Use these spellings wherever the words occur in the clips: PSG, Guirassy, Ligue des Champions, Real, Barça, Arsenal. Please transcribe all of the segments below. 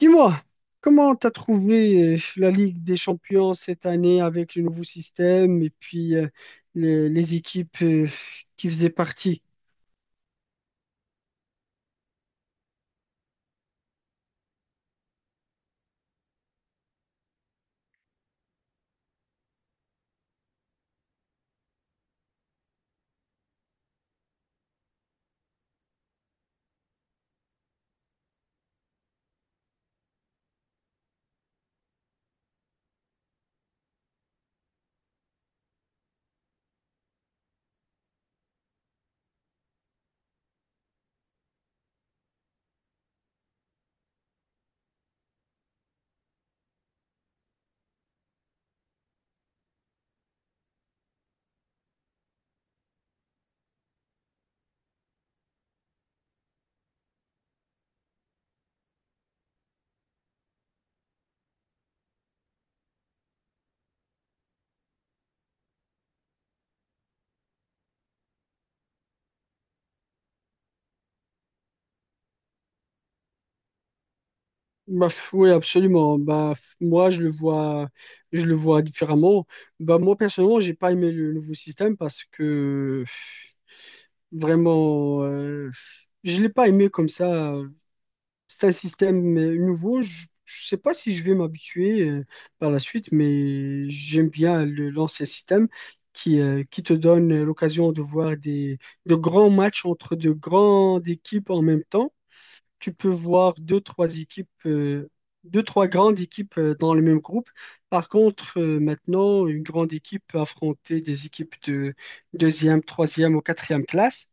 Dis-moi, comment t'as trouvé la Ligue des Champions cette année avec le nouveau système et puis les équipes qui faisaient partie? Bah, oui, absolument. Bah, moi, je le vois différemment. Bah, moi, personnellement, j'ai pas aimé le nouveau système parce que euh, vraiment, je l'ai pas aimé comme ça. C'est un système nouveau. Je ne sais pas si je vais m'habituer par la suite, mais j'aime bien l'ancien système qui te donne l'occasion de voir des, de grands matchs entre de grandes équipes en même temps. Tu peux voir deux, trois équipes, deux, trois grandes équipes dans le même groupe. Par contre, maintenant, une grande équipe peut affronter des équipes de deuxième, troisième ou quatrième classe.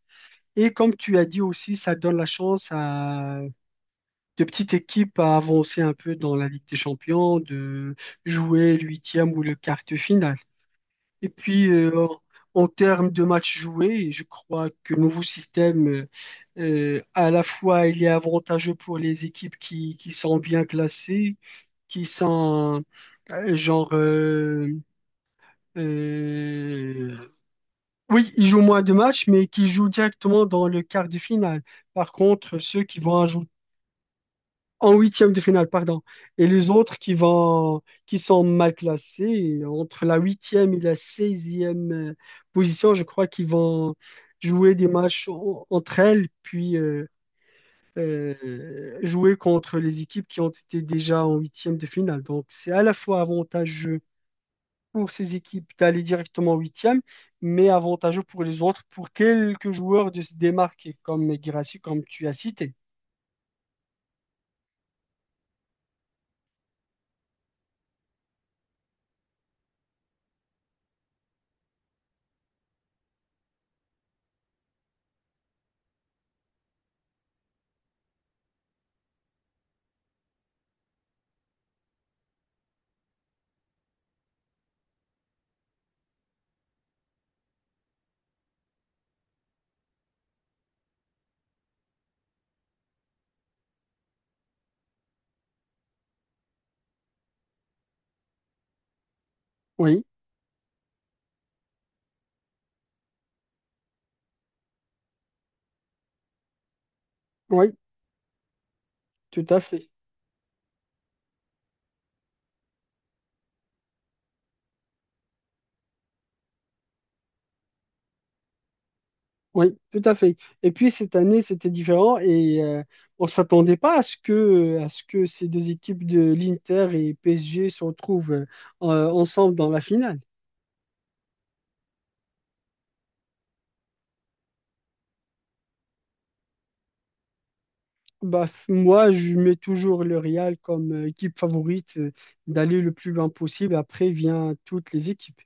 Et comme tu as dit aussi, ça donne la chance à de petites équipes à avancer un peu dans la Ligue des Champions, de jouer l'huitième ou le quart de finale. Et puis, en termes de matchs joués, je crois que le nouveau système, à la fois, il est avantageux pour les équipes qui sont bien classées, qui sont genre... euh, oui, ils jouent moins de matchs, mais qui jouent directement dans le quart de finale. Par contre, ceux qui vont ajouter en huitième de finale, pardon. Et les autres qui vont, qui sont mal classés, entre la huitième et la seizième position, je crois qu'ils vont jouer des matchs entre elles, puis jouer contre les équipes qui ont été déjà en huitième de finale. Donc, c'est à la fois avantageux pour ces équipes d'aller directement en huitième, mais avantageux pour les autres, pour quelques joueurs de se démarquer, comme Guirassy, comme tu as cité. Oui, oui, tout à fait. Oui, tout à fait. Et puis cette année, c'était différent et on s'attendait pas à ce que, à ce que ces deux équipes de l'Inter et PSG se retrouvent en- ensemble dans la finale. Bah, moi, je mets toujours le Real comme équipe favorite d'aller le plus loin possible. Après, vient toutes les équipes.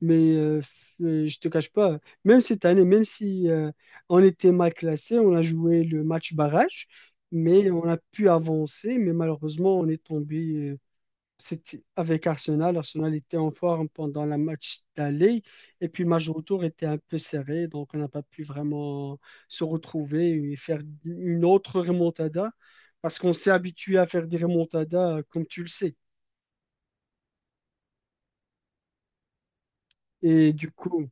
Mais je te cache pas, même cette année, même si on était mal classé, on a joué le match barrage, mais on a pu avancer. Mais malheureusement, on est tombé euh, c'était avec Arsenal. Arsenal était en forme pendant la match d'aller. Et puis, le match de retour était un peu serré. Donc, on n'a pas pu vraiment se retrouver et faire une autre remontada. Parce qu'on s'est habitué à faire des remontadas, comme tu le sais. Et du coup,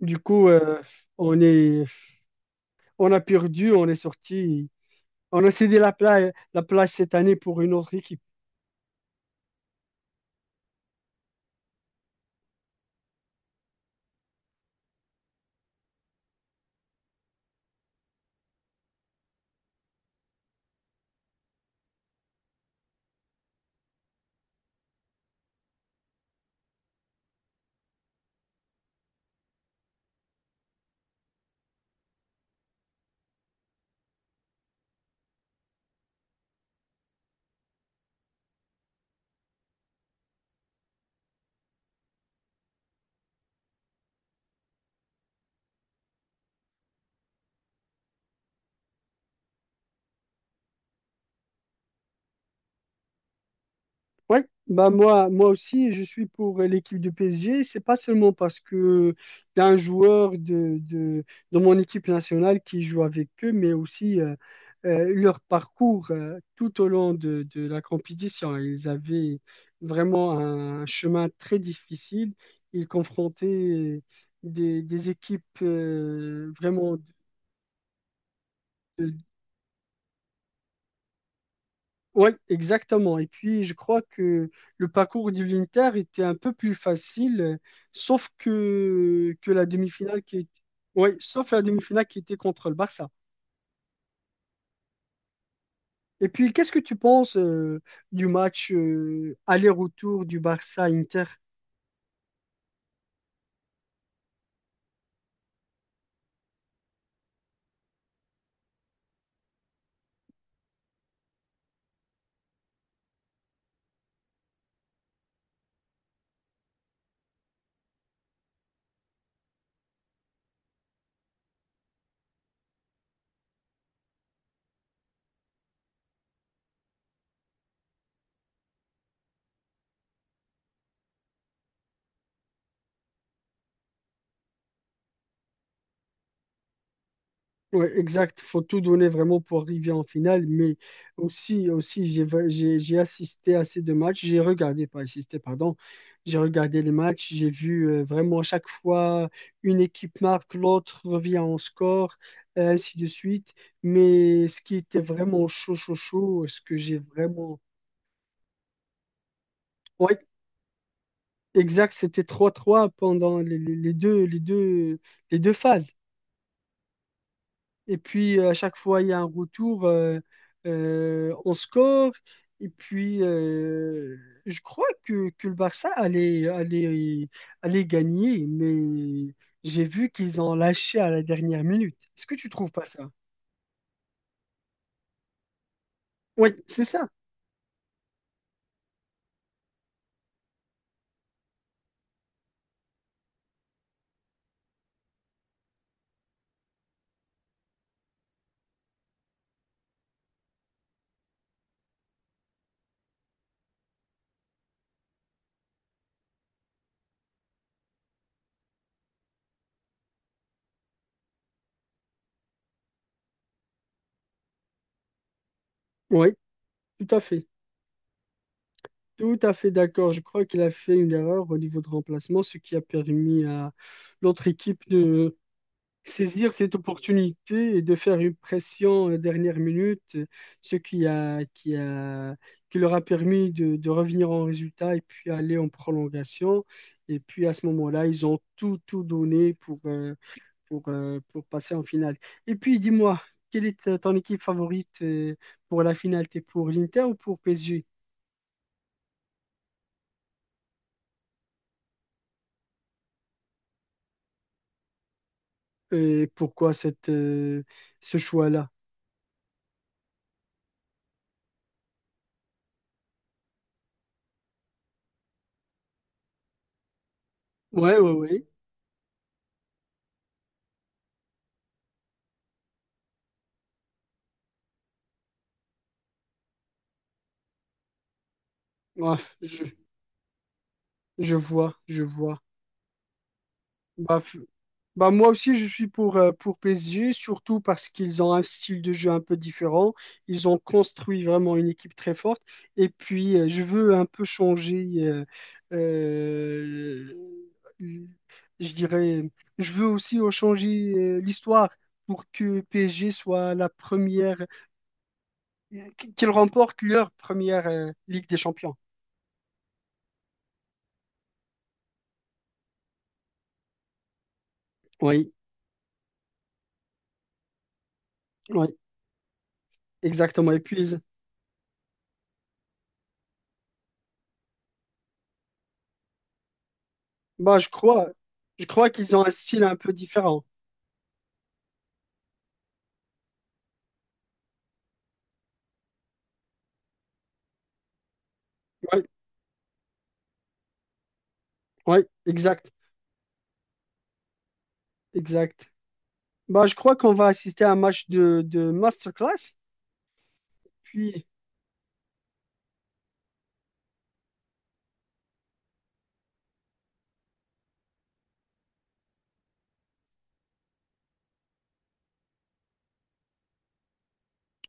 du coup euh, on est, on a perdu, on est sorti. On a cédé la place cette année pour une autre équipe. Oui, bah moi, moi aussi, je suis pour l'équipe du PSG. C'est pas seulement parce que y a un joueur de mon équipe nationale qui joue avec eux, mais aussi leur parcours tout au long de la compétition. Ils avaient vraiment un chemin très difficile. Ils confrontaient des équipes vraiment de, oui, exactement. Et puis, je crois que le parcours du l'Inter était un peu plus facile, sauf que la demi-finale qui est... ouais, sauf la demi-finale qui était contre le Barça. Et puis, qu'est-ce que tu penses du match aller-retour du Barça-Inter? Ouais, exact. Faut tout donner vraiment pour arriver en finale. Mais aussi, aussi, j'ai assisté à ces deux matchs. J'ai regardé, pas assisté, pardon. J'ai regardé les matchs. J'ai vu vraiment à chaque fois une équipe marque, l'autre revient en score, et ainsi de suite. Mais ce qui était vraiment chaud, chaud, chaud, ce que j'ai vraiment. Ouais, exact. C'était trois trois pendant les deux phases. Et puis, à chaque fois, il y a un retour, on score. Et puis, je crois que le Barça allait gagner, mais j'ai vu qu'ils ont lâché à la dernière minute. Est-ce que tu trouves pas ça? Oui, c'est ça. Oui, tout à fait. Tout à fait d'accord. Je crois qu'il a fait une erreur au niveau de remplacement, ce qui a permis à l'autre équipe de, saisir cette opportunité et de faire une pression à la dernière minute, ce qui a, qui leur a permis de revenir en résultat et puis aller en prolongation. Et puis à ce moment-là, ils ont tout, tout donné pour passer en finale. Et puis dis-moi, quelle est ton équipe favorite pour la finale? T'es pour l'Inter ou pour PSG? Et pourquoi cette, ce choix-là? Ouais, ouais, ouais. Ouais, je, je vois, je vois. Bah, Bah moi aussi, je suis pour PSG, surtout parce qu'ils ont un style de jeu un peu différent. Ils ont construit vraiment une équipe très forte. Et puis, je veux un peu changer, euh, je dirais, je veux aussi changer l'histoire pour que PSG soit la première, qu'ils remportent leur première Ligue des Champions. Oui, oui, exactement. Et puis, bah, je crois qu'ils ont un style un peu différent. Oui, oui, exact. Exact. Bah, je crois qu'on va assister à un match de masterclass. Puis,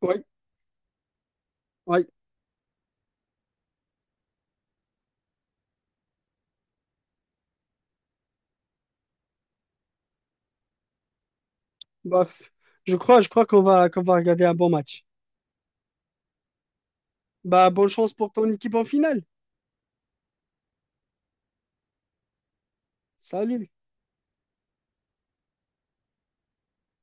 oui, oui. Bah, je crois qu'on va regarder un bon match. Bah, bonne chance pour ton équipe en finale. Salut.